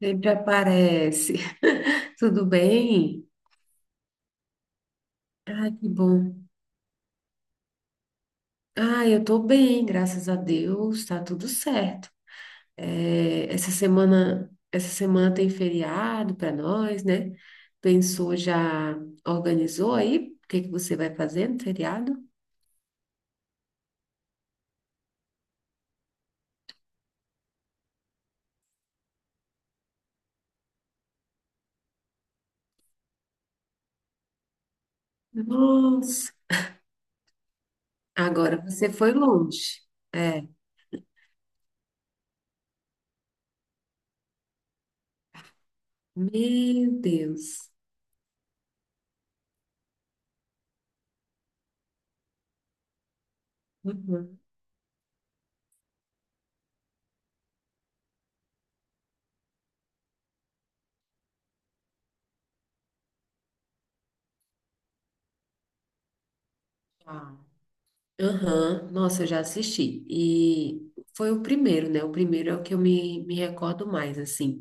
Sempre aparece. Tudo bem? Ai, que bom. Ah, eu tô bem, graças a Deus, tá tudo certo. É, essa semana tem feriado para nós, né? Pensou, já organizou aí? O que que você vai fazer no feriado? Nossa, agora você foi longe. É, meu Deus. Uhum. Uau. Aham, nossa, eu já assisti. E foi o primeiro, né? O primeiro é o que eu me recordo mais, assim.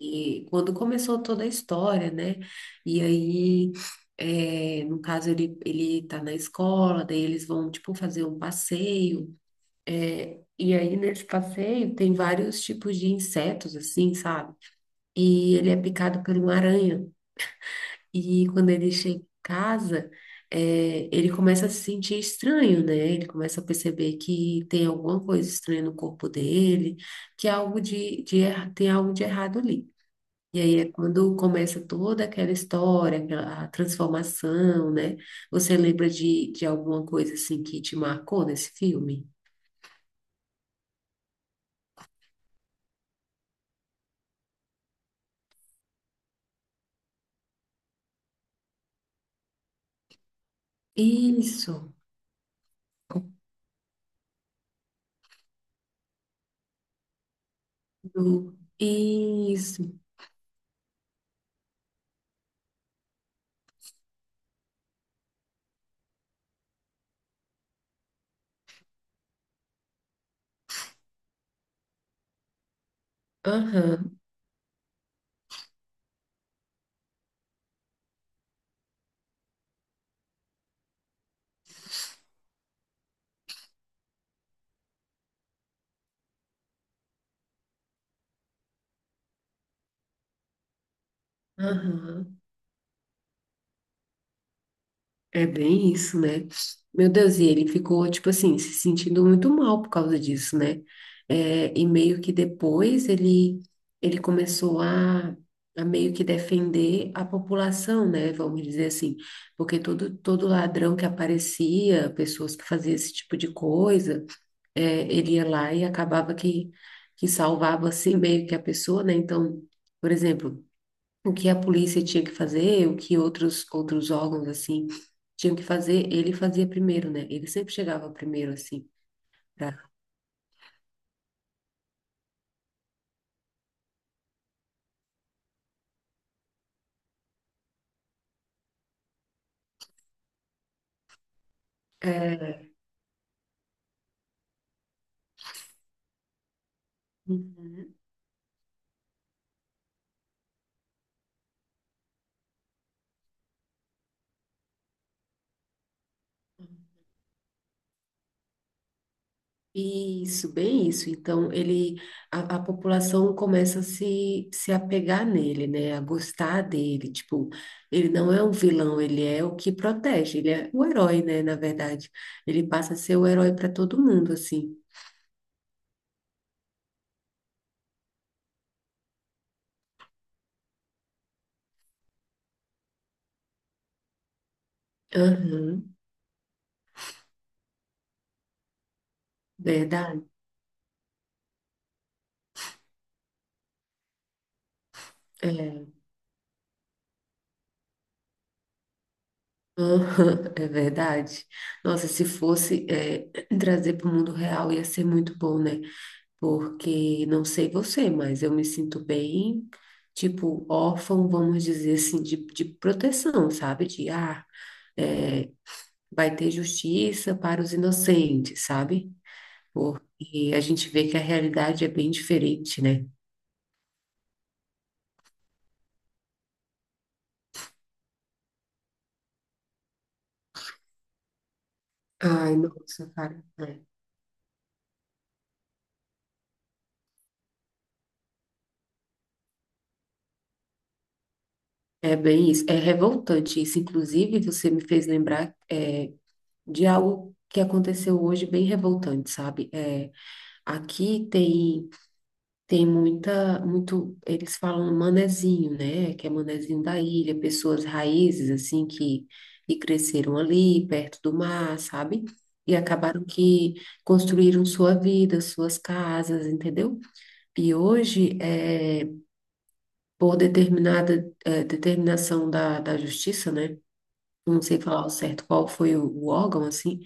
E quando começou toda a história, né? E aí, no caso, ele tá na escola, daí eles vão, tipo, fazer um passeio. E aí, nesse passeio, tem vários tipos de insetos, assim, sabe? E ele é picado por uma aranha. E quando ele chega em casa, ele começa a se sentir estranho, né? Ele começa a perceber que tem alguma coisa estranha no corpo dele, que há algo tem algo de errado ali. E aí é quando começa toda aquela história, a transformação, né? Você lembra de alguma coisa assim que te marcou nesse filme? Isso. Isso. Aham, aham. É bem isso, né? Meu Deus, e ele ficou, tipo assim, se sentindo muito mal por causa disso, né? É, e meio que depois ele começou a meio que defender a população, né? Vamos dizer assim, porque todo ladrão que aparecia, pessoas que faziam esse tipo de coisa, ele ia lá e acabava que salvava, assim, meio que a pessoa, né? Então, por exemplo, o que a polícia tinha que fazer, o que outros outros órgãos assim tinham que fazer, ele fazia primeiro, né? Ele sempre chegava primeiro assim. pra- É. Uhum. Isso, bem isso. Então a população começa a se apegar nele, né? A gostar dele, tipo, ele não é um vilão, ele é o que protege, ele é o herói, né, na verdade. Ele passa a ser o herói para todo mundo assim. Aham. Verdade. É. Aham, é verdade. Nossa, se fosse trazer para o mundo real ia ser muito bom, né? Porque não sei você, mas eu me sinto bem, tipo, órfão, vamos dizer assim, de proteção, sabe? De eh, vai ter justiça para os inocentes, sabe? Porque a gente vê que a realidade é bem diferente, né? Ai, nossa, cara. É, é bem isso. É revoltante isso. Inclusive, você me fez lembrar. De algo que aconteceu hoje bem revoltante, sabe? É, aqui tem muita muito eles falam manezinho, né? Que é manezinho da ilha, pessoas raízes assim que cresceram ali perto do mar, sabe? E acabaram que construíram sua vida, suas casas, entendeu? E hoje, é, por determinada determinação da justiça, né? Não sei falar ao certo qual foi o órgão, assim,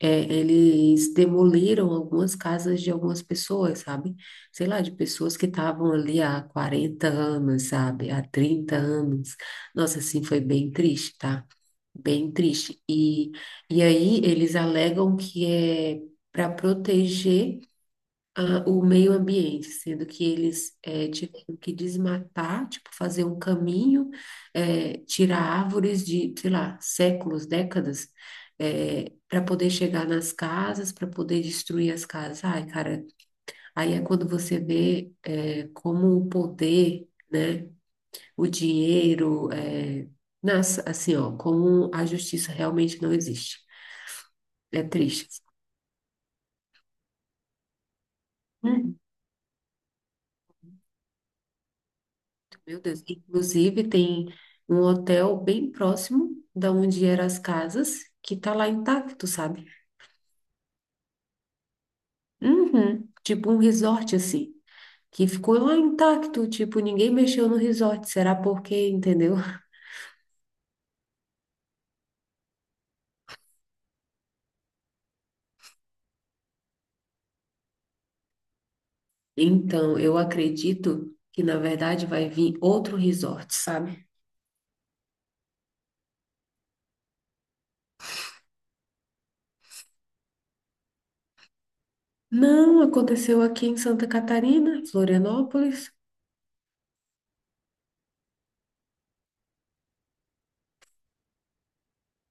é, eles demoliram algumas casas de algumas pessoas, sabe? Sei lá, de pessoas que estavam ali há 40 anos, sabe? Há 30 anos. Nossa, assim, foi bem triste, tá? Bem triste. E aí eles alegam que é para proteger o meio ambiente, sendo que eles tiveram que desmatar, tipo, fazer um caminho, tirar árvores de, sei lá, séculos, décadas, para poder chegar nas casas, para poder destruir as casas. Ai, cara, aí é quando você vê como o poder, né, o dinheiro, nas, assim, ó, como a justiça realmente não existe. É triste. Meu Deus. Inclusive, tem um hotel bem próximo da onde eram as casas, que tá lá intacto, sabe? Uhum. Tipo um resort, assim, que ficou lá intacto, tipo, ninguém mexeu no resort. Será por quê, entendeu? Então, eu acredito que, na verdade, vai vir outro resort, sabe? Não, aconteceu aqui em Santa Catarina, Florianópolis.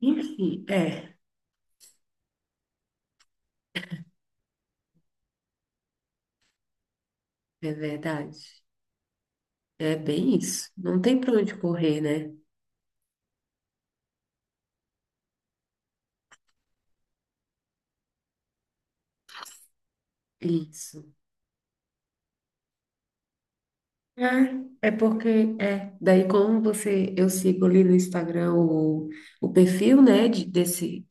Enfim, é verdade. É bem isso. Não tem pra onde correr, né? Isso. É, daí como você, eu sigo ali no Instagram o perfil, né, de, desse,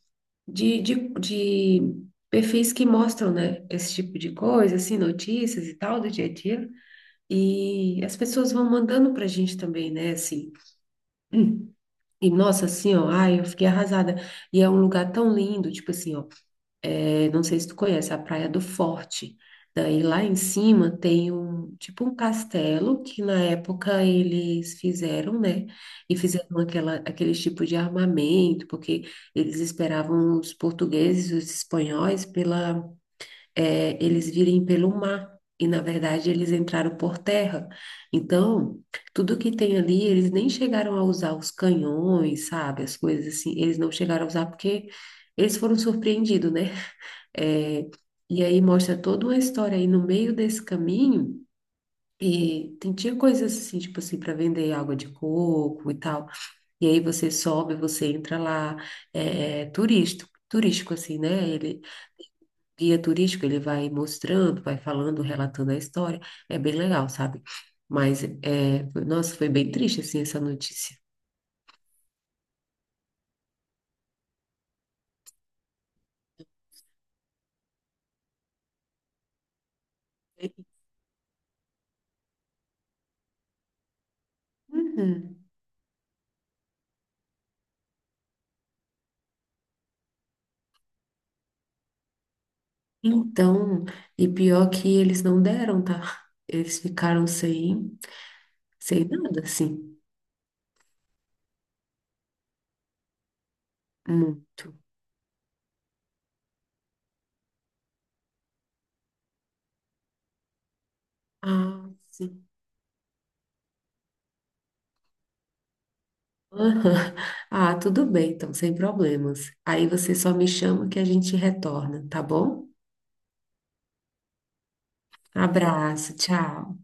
de perfis que mostram, né, esse tipo de coisa, assim, notícias e tal, do dia a dia, e as pessoas vão mandando pra gente também, né, assim, e nossa, assim, ó, ai, eu fiquei arrasada, e é um lugar tão lindo, tipo assim, ó, eu não sei se tu conhece a Praia do Forte. Daí lá em cima tem um tipo um castelo que na época eles fizeram, né? E fizeram aquela, aquele tipo de armamento, porque eles esperavam os portugueses e os espanhóis pela, eles virem pelo mar. E na verdade eles entraram por terra. Então, tudo que tem ali, eles nem chegaram a usar os canhões, sabe? As coisas assim, eles não chegaram a usar porque eles foram surpreendidos, né? É, e aí mostra toda uma história aí no meio desse caminho. E tem, tinha coisas assim, tipo assim, para vender água de coco e tal. E aí você sobe, você entra lá, é, é turístico, turístico assim, né? Ele, guia turístico, ele vai mostrando, vai falando, relatando a história. É bem legal, sabe? Mas, nossa, foi bem triste, assim, essa notícia. Uhum. Então, e pior que eles não deram, tá? Eles ficaram sem, sem nada, assim. Muito. Ah, sim. Aham. Ah, tudo bem, então, sem problemas. Aí você só me chama que a gente retorna, tá bom? Abraço, tchau.